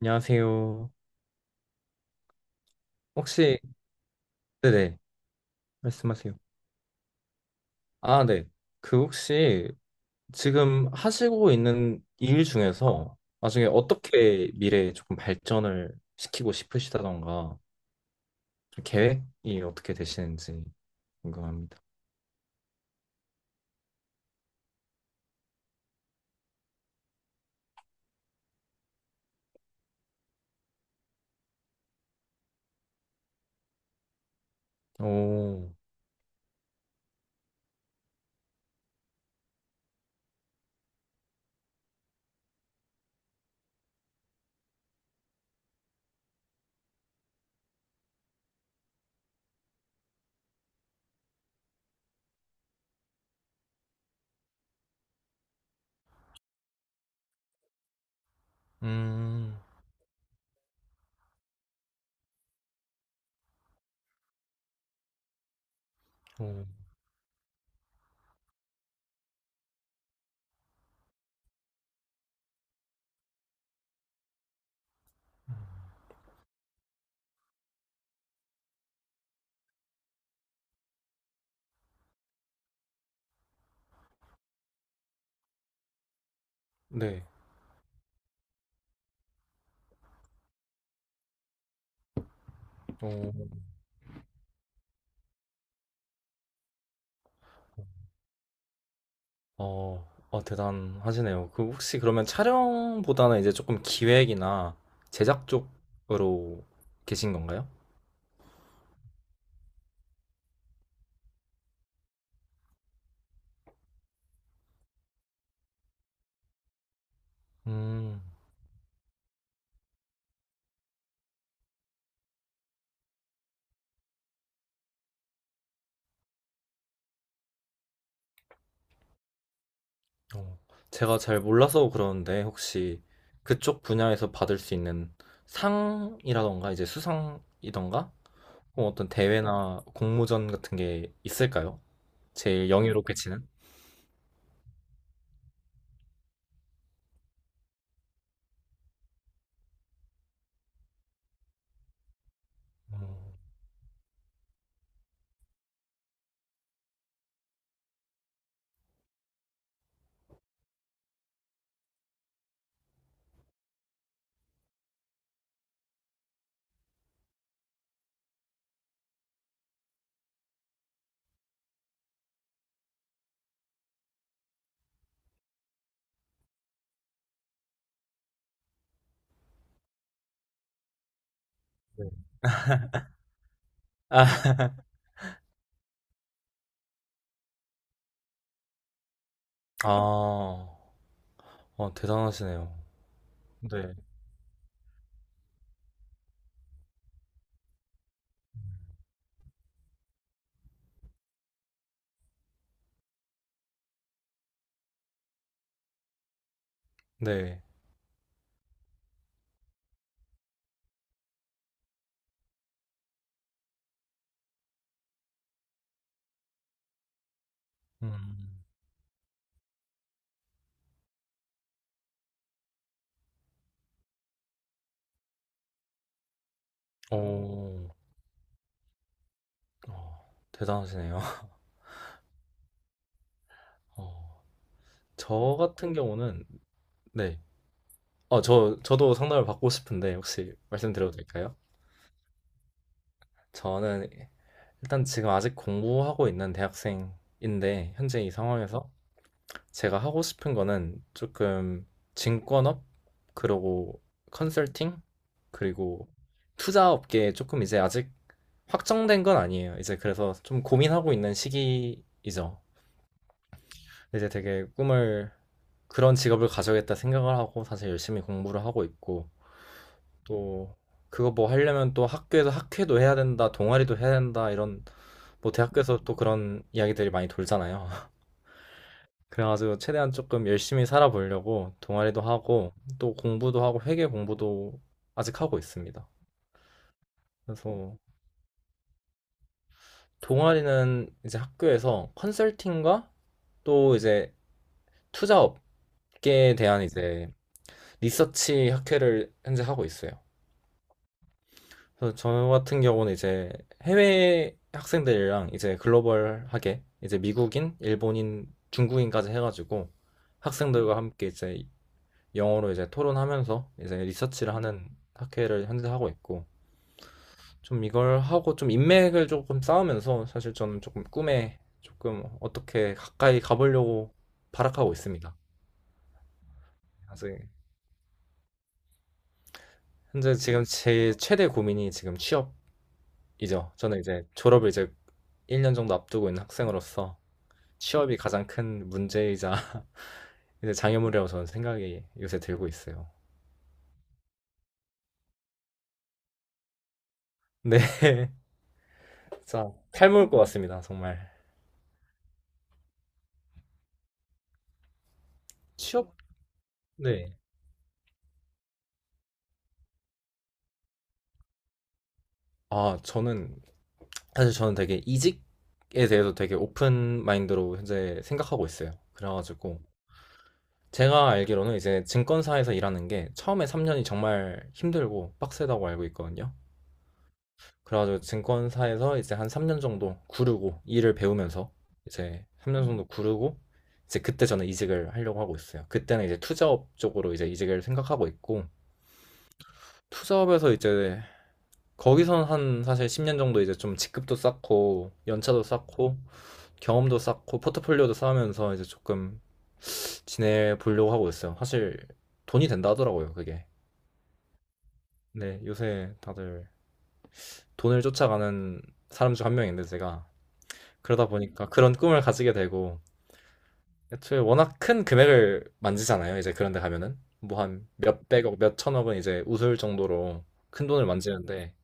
안녕하세요. 혹시, 네네, 말씀하세요. 아, 네. 그 혹시 지금 하시고 있는 일 중에서 나중에 어떻게 미래에 조금 발전을 시키고 싶으시다던가 좀 계획이 어떻게 되시는지 궁금합니다. 오, 음, 오, 네. 오, 어, 대단하시네요. 그 혹시 그러면 촬영보다는 이제 조금 기획이나 제작 쪽으로 계신 건가요? 음. 어, 제가 잘 몰라서 그러는데 혹시 그쪽 분야에서 받을 수 있는 상이라던가 이제 수상이던가 혹은 어떤 대회나 공모전 같은 게 있을까요? 제일 영예롭게 치는? 어, 네. 아, 아, 대단하시네요. 네, 네. 음, 어, 대단하시네요. 어, 저 같은 경우는, 네. 저도 상담을 받고 싶은데, 혹시 말씀드려도 될까요? 저는 일단 지금 아직 공부하고 있는 대학생인데, 현재 이 상황에서 제가 하고 싶은 거는 조금 증권업, 그리고 컨설팅, 그리고 투자 업계에 조금 이제 아직 확정된 건 아니에요. 이제 그래서 좀 고민하고 있는 시기이죠. 이제 되게 꿈을 그런 직업을 가져야겠다 생각을 하고 사실 열심히 공부를 하고 있고 또 그거 뭐 하려면 또 학교에서 학회도 해야 된다, 동아리도 해야 된다 이런 뭐 대학교에서 또 그런 이야기들이 많이 돌잖아요. 그래가지고 최대한 조금 열심히 살아보려고 동아리도 하고 또 공부도 하고 회계 공부도 아직 하고 있습니다. 그래서 동아리는 이제 학교에서 컨설팅과 또 이제 투자 업계에 대한 이제 리서치 학회를 현재 하고 있어요. 그래서 저 같은 경우는 이제 해외 학생들이랑 이제 글로벌하게 이제 미국인, 일본인, 중국인까지 해가지고 학생들과 함께 이제 영어로 이제 토론하면서 이제 리서치를 하는 학회를 현재 하고 있고 좀 이걸 하고 좀 인맥을 조금 쌓으면서 사실 저는 조금 꿈에 조금 어떻게 가까이 가보려고 발악하고 있습니다. 아직 현재 지금 제 최대 고민이 지금 취업이죠. 저는 이제 졸업을 이제 1년 정도 앞두고 있는 학생으로서 취업이 가장 큰 문제이자 이제 장애물이라고 저는 생각이 요새 들고 있어요. 네, 진짜 탈모일 것 같습니다, 정말. 취업? 네. 아, 저는 사실 저는 되게 이직에 대해서 되게 오픈 마인드로 현재 생각하고 있어요. 그래가지고 제가 알기로는 이제 증권사에서 일하는 게 처음에 3년이 정말 힘들고 빡세다고 알고 있거든요. 그래가지고 증권사에서 이제 한 3년 정도 구르고 일을 배우면서 이제 3년 정도 구르고 이제 그때 저는 이직을 하려고 하고 있어요. 그때는 이제 투자업 쪽으로 이제 이직을 생각하고 있고 투자업에서 이제 거기선 한 사실 10년 정도 이제 좀 직급도 쌓고 연차도 쌓고 경험도 쌓고 포트폴리오도 쌓으면서 이제 조금 지내보려고 하고 있어요. 사실 돈이 된다 하더라고요, 그게. 네, 요새 다들 돈을 쫓아가는 사람 중 한 명인데 제가 그러다 보니까 그런 꿈을 가지게 되고 애초에 워낙 큰 금액을 만지잖아요. 이제 그런 데 가면은 뭐 한 몇백억, 몇천억은 이제 웃을 정도로 큰 돈을 만지는데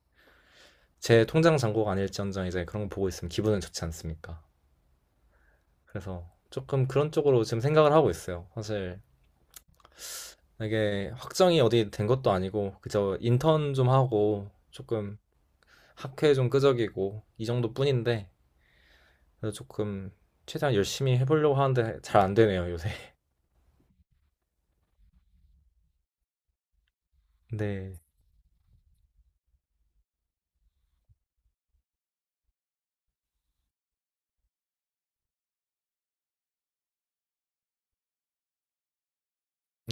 제 통장 잔고가 아닐지언정 이제 그런 거 보고 있으면 기분은 좋지 않습니까? 그래서 조금 그런 쪽으로 지금 생각을 하고 있어요. 사실 이게 확정이 어디 된 것도 아니고 그저 인턴 좀 하고 조금 학회 좀 끄적이고 이 정도뿐인데 그래서 조금 최대한 열심히 해보려고 하는데 잘 안 되네요, 요새. 네.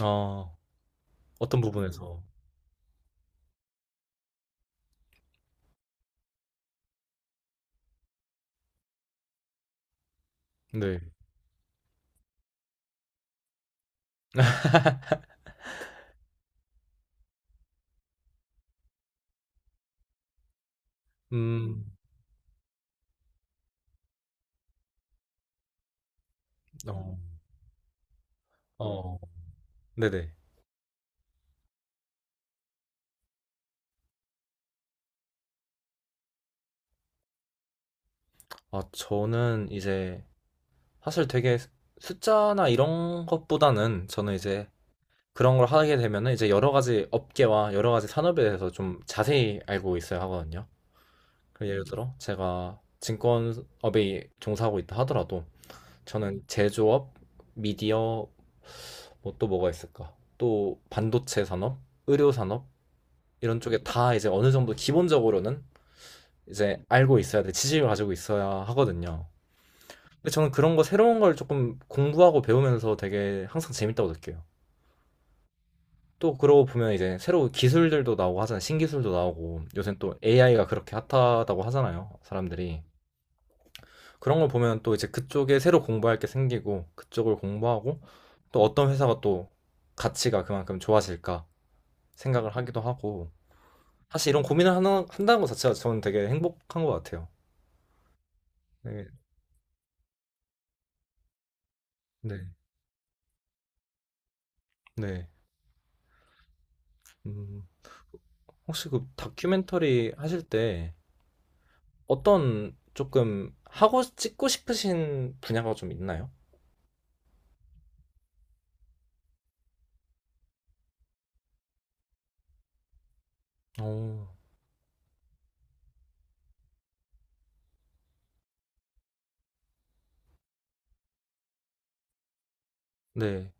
어, 어떤 부분에서? 네. 음, 어, 어, 네네. 아, 저는 이제 사실 되게 숫자나 이런 것보다는 저는 이제 그런 걸 하게 되면은 이제 여러 가지 업계와 여러 가지 산업에 대해서 좀 자세히 알고 있어야 하거든요. 그 예를 들어 제가 증권업에 종사하고 있다 하더라도 저는 제조업, 미디어, 뭐 또 뭐가 있을까? 또 반도체 산업, 의료 산업 이런 쪽에 다 이제 어느 정도 기본적으로는 이제 알고 있어야 돼. 지식을 가지고 있어야 하거든요. 근데 저는 그런 거 새로운 걸 조금 공부하고 배우면서 되게 항상 재밌다고 느껴요. 또 그러고 보면 이제 새로운 기술들도 나오고 하잖아요. 신기술도 나오고 요새 또 AI가 그렇게 핫하다고 하잖아요. 사람들이. 그런 걸 보면 또 이제 그쪽에 새로 공부할 게 생기고 그쪽을 공부하고 또 어떤 회사가 또 가치가 그만큼 좋아질까 생각을 하기도 하고 사실 이런 고민을 하나, 한다는 것 자체가 저는 되게 행복한 것 같아요. 네. 네. 네. 음. 혹시 그 다큐멘터리 하실 때 어떤 조금 하고 찍고 싶으신 분야가 좀 있나요? 오, 네.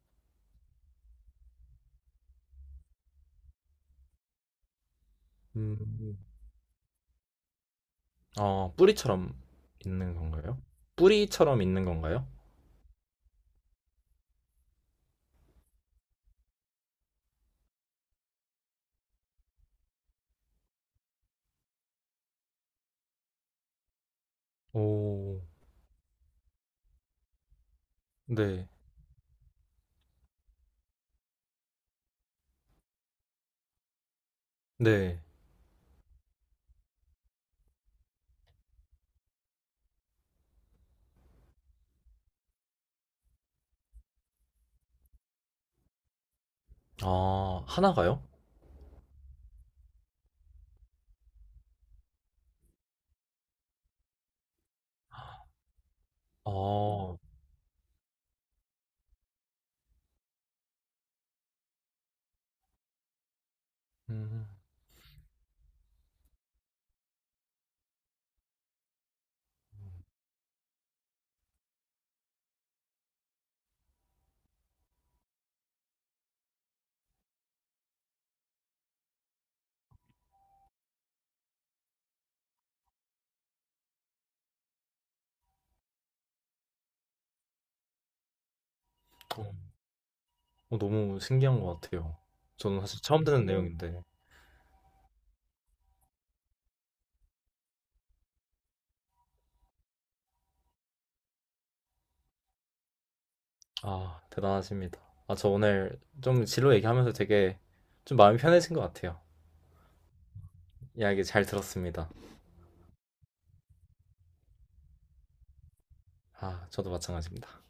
음, 아, 뿌리처럼 있는 건가요? 뿌리처럼 있는 건가요? 오, 네. 네. 아, 하나가요? 아, 음, 어, 너무 신기한 것 같아요. 저는 사실 처음 듣는 내용인데. 아, 대단하십니다. 아, 저 오늘 좀 진로 얘기하면서 되게 좀 마음이 편해진 것 같아요. 이야기 잘 들었습니다. 아, 저도 마찬가지입니다.